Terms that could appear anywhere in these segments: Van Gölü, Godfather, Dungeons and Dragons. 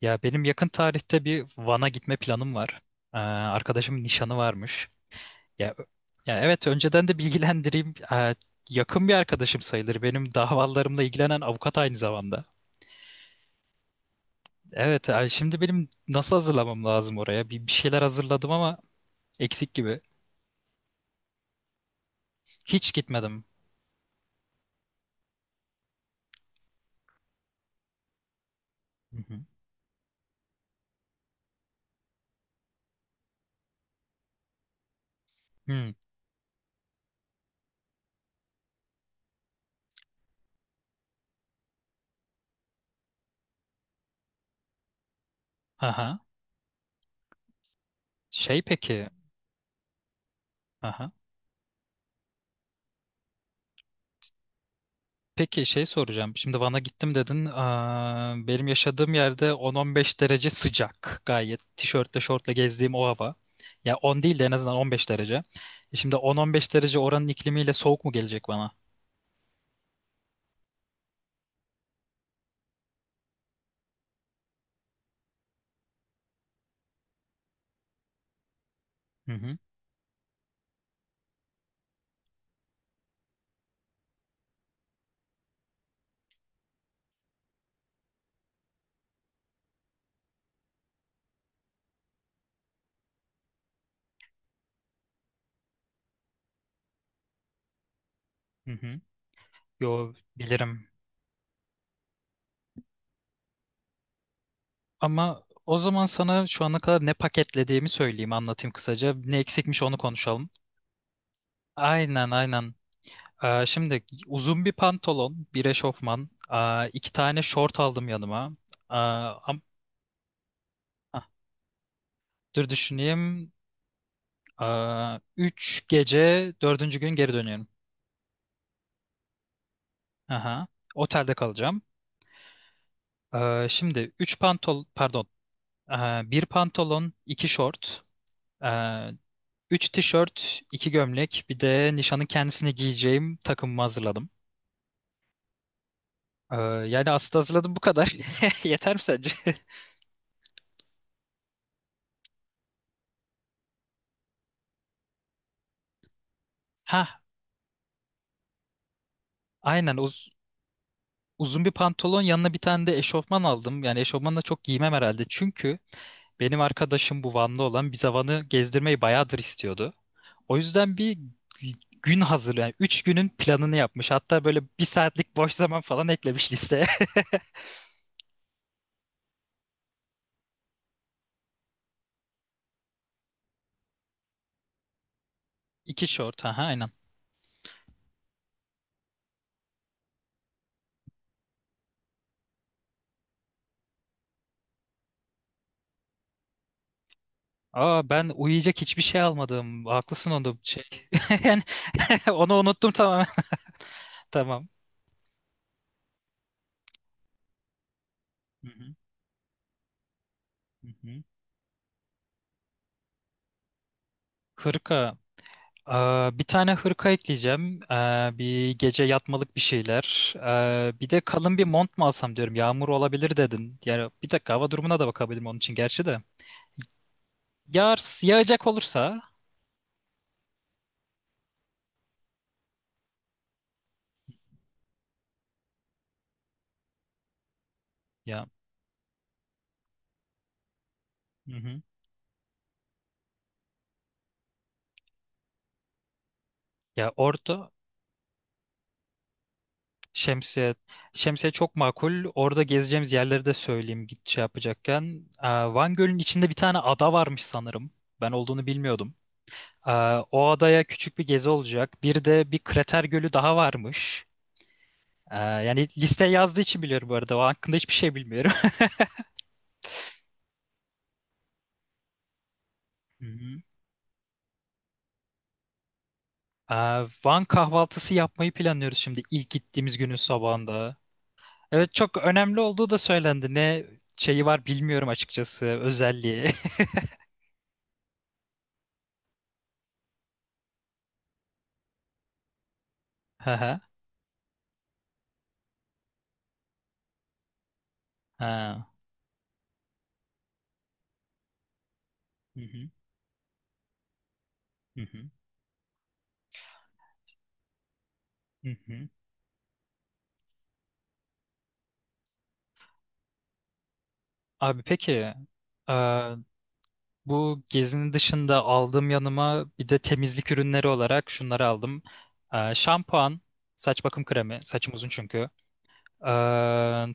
Ya benim yakın tarihte bir Van'a gitme planım var. Arkadaşımın nişanı varmış. Ya, ya, evet önceden de bilgilendireyim. Yakın bir arkadaşım sayılır. Benim davalarımla ilgilenen avukat aynı zamanda. Evet yani şimdi benim nasıl hazırlamam lazım oraya? Bir şeyler hazırladım ama eksik gibi. Hiç gitmedim. Hı hı. Hmm. Aha. Şey peki. Aha. Peki şey soracağım. Şimdi Van'a gittim dedin. Benim yaşadığım yerde 10-15 derece sıcak. Gayet tişörtle şortla gezdiğim o hava. Ya 10 değil de en azından 15 derece. Şimdi 10-15 derece oranın iklimiyle soğuk mu gelecek bana? Hı hı. Hı hı. Yo bilirim. Ama o zaman sana şu ana kadar ne paketlediğimi söyleyeyim, anlatayım kısaca. Ne eksikmiş onu konuşalım. Aynen, aynen. Şimdi uzun bir pantolon, bir eşofman, iki tane şort aldım yanıma. Aa, am- Dur düşüneyim. 3 gece dördüncü gün geri dönüyorum. Aha. Otelde kalacağım. Şimdi üç pantol pardon. Bir pantolon, iki şort, ee, üç tişört, iki gömlek, bir de nişanın kendisine giyeceğim takımımı hazırladım. Yani aslında hazırladım bu kadar. Yeter mi sence? Ha, aynen, uzun bir pantolon yanına bir tane de eşofman aldım. Yani eşofmanla çok giymem herhalde. Çünkü benim arkadaşım, bu Van'da olan, bize Van'ı gezdirmeyi bayağıdır istiyordu. O yüzden bir gün hazır, yani 3 günün planını yapmış. Hatta böyle bir saatlik boş zaman falan eklemiş listeye. İki short, ha aynen. Ben uyuyacak hiçbir şey almadım. Haklısın onda, bu şey. Yani onu unuttum tamamen. Tamam. Hı hı, hı hı. Hırka. Ee, Bir tane hırka ekleyeceğim. Bir gece yatmalık bir şeyler. Bir de kalın bir mont mu alsam diyorum. Yağmur olabilir dedin. Yani bir dakika hava durumuna da bakabilirim onun için gerçi de. Yağar, yağacak olursa ya. Hı hı. Ya orada şemsiye, şemsiye çok makul. Orada gezeceğimiz yerleri de söyleyeyim git şey yapacakken. Van Gölü'nün içinde bir tane ada varmış sanırım. Ben olduğunu bilmiyordum. Ee, O adaya küçük bir gezi olacak. Bir de bir krater gölü daha varmış. Yani listeye yazdığı için biliyorum bu arada. O hakkında hiçbir şey bilmiyorum. Hı hı. Ee, Van kahvaltısı yapmayı planlıyoruz şimdi, ilk gittiğimiz günün sabahında. Evet, çok önemli olduğu da söylendi. Ne şeyi var bilmiyorum açıkçası, özelliği. Hı hı. Ha. Hı hı. Hı hı. Hı hı. Abi peki, ee, bu gezinin dışında aldığım yanıma bir de temizlik ürünleri olarak şunları aldım. Şampuan, saç bakım kremi, saçım uzun çünkü.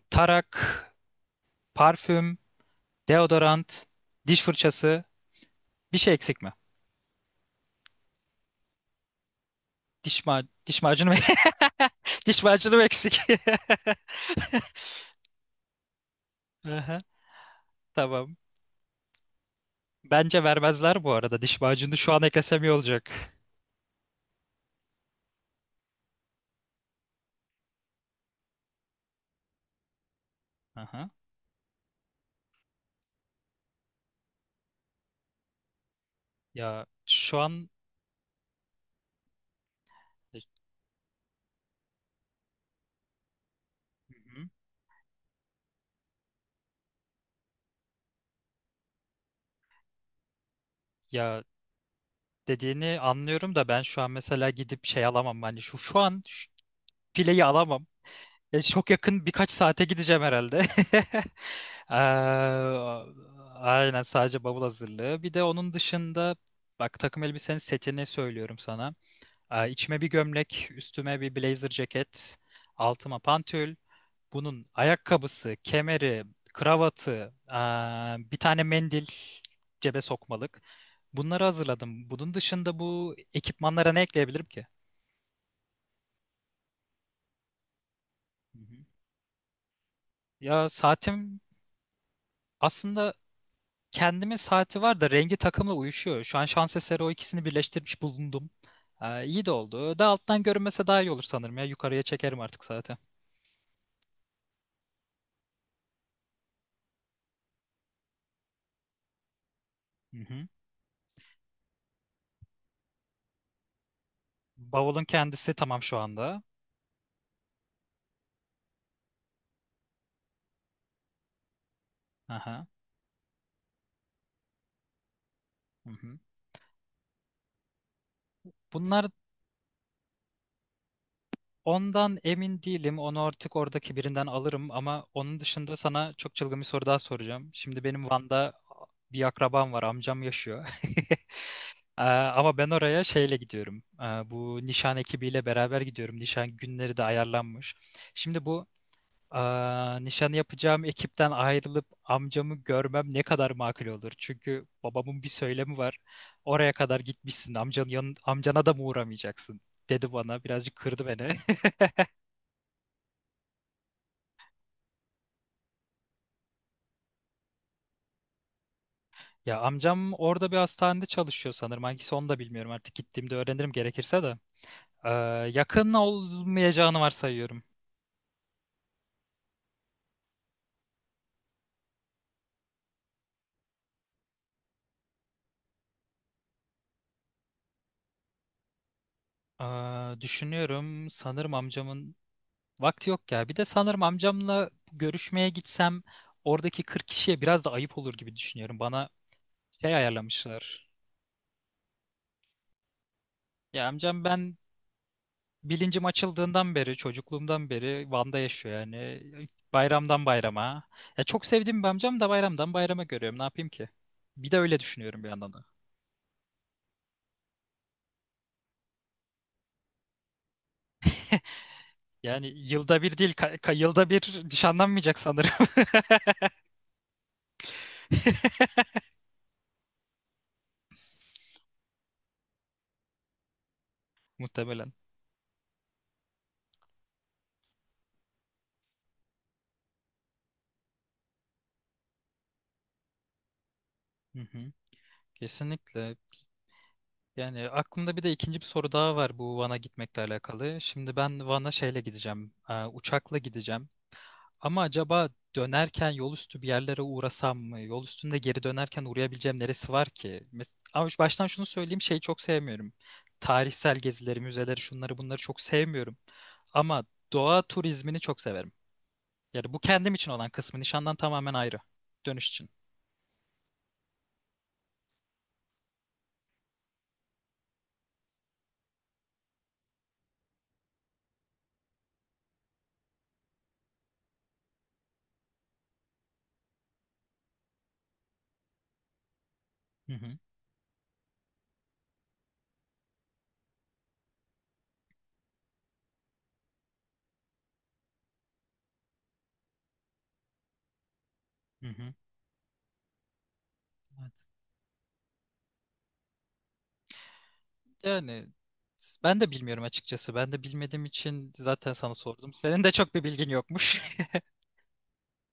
Tarak, parfüm, deodorant, diş fırçası, bir şey eksik mi? Diş macunu mu? Diş macunu mu eksik? Aha, tamam. Bence vermezler bu arada. Diş macunu şu an eklesem iyi olacak. Aha. Ya şu an e, Hı hı. Ya dediğini anlıyorum da ben şu an mesela gidip şey alamam. Hani şu an şu fileyi alamam. Ya çok yakın birkaç saate gideceğim herhalde. Eee, Aynen, sadece bavul hazırlığı. Bir de onun dışında bak, takım elbisenin setini söylüyorum sana. İçime bir gömlek, üstüme bir blazer ceket, altıma pantül. Bunun ayakkabısı, kemeri, kravatı, bir tane mendil cebe sokmalık. Bunları hazırladım. Bunun dışında bu ekipmanlara ne ekleyebilirim ki? Hı hı. Ya saatim aslında, kendimin saati var da rengi takımla uyuşuyor. Şu an şans eseri o ikisini birleştirmiş bulundum. İyi de oldu. Daha alttan görünmese daha iyi olur sanırım ya. Yukarıya çekerim artık saati. Hı hı. Bavulun kendisi tamam şu anda. Aha. Hı hı. Bunlar, ondan emin değilim. Onu artık oradaki birinden alırım, ama onun dışında sana çok çılgın bir soru daha soracağım. Şimdi benim Van'da bir akrabam var. Amcam yaşıyor. Ama ben oraya şeyle gidiyorum. Bu nişan ekibiyle beraber gidiyorum. Nişan günleri de ayarlanmış. Şimdi bu nişanı yapacağım ekipten ayrılıp amcamı görmem ne kadar makul olur? Çünkü babamın bir söylemi var. Oraya kadar gitmişsin. Amcana da mı uğramayacaksın, dedi bana. Birazcık kırdı beni. Ya amcam orada bir hastanede çalışıyor sanırım. Hangisi onu da bilmiyorum artık. Gittiğimde öğrenirim gerekirse de. Ee, Yakın olmayacağını varsayıyorum. Düşünüyorum, sanırım amcamın vakti yok ya. Bir de sanırım amcamla görüşmeye gitsem oradaki 40 kişiye biraz da ayıp olur gibi düşünüyorum. Bana şey ayarlamışlar. Ya amcam, ben bilincim açıldığından beri, çocukluğumdan beri Van'da yaşıyor yani. Bayramdan bayrama. Ya çok sevdiğim bir amcam, da bayramdan bayrama görüyorum. Ne yapayım ki? Bir de öyle düşünüyorum bir yandan da. Yani yılda bir değil, yılda bir nişanlanmayacak sanırım. Muhtemelen. Hı hı. Kesinlikle. Yani aklımda bir de ikinci bir soru daha var, bu Van'a gitmekle alakalı. Şimdi ben Van'a şeyle gideceğim, uçakla gideceğim. Ama acaba dönerken yol üstü bir yerlere uğrasam mı? Yol üstünde geri dönerken uğrayabileceğim neresi var ki? Ama baştan şunu söyleyeyim, şeyi çok sevmiyorum. Tarihsel gezileri, müzeleri, şunları bunları çok sevmiyorum. Ama doğa turizmini çok severim. Yani bu kendim için olan kısmı, nişandan tamamen ayrı. Dönüş için. Hı hı. Hı hı. Evet. Yani, ben de bilmiyorum açıkçası. Ben de bilmediğim için zaten sana sordum. Senin de çok bir bilgin yokmuş.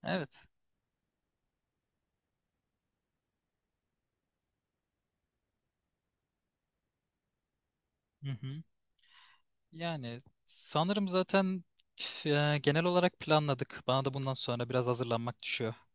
Evet. Hı hı. Yani sanırım zaten, genel olarak planladık. Bana da bundan sonra biraz hazırlanmak düşüyor.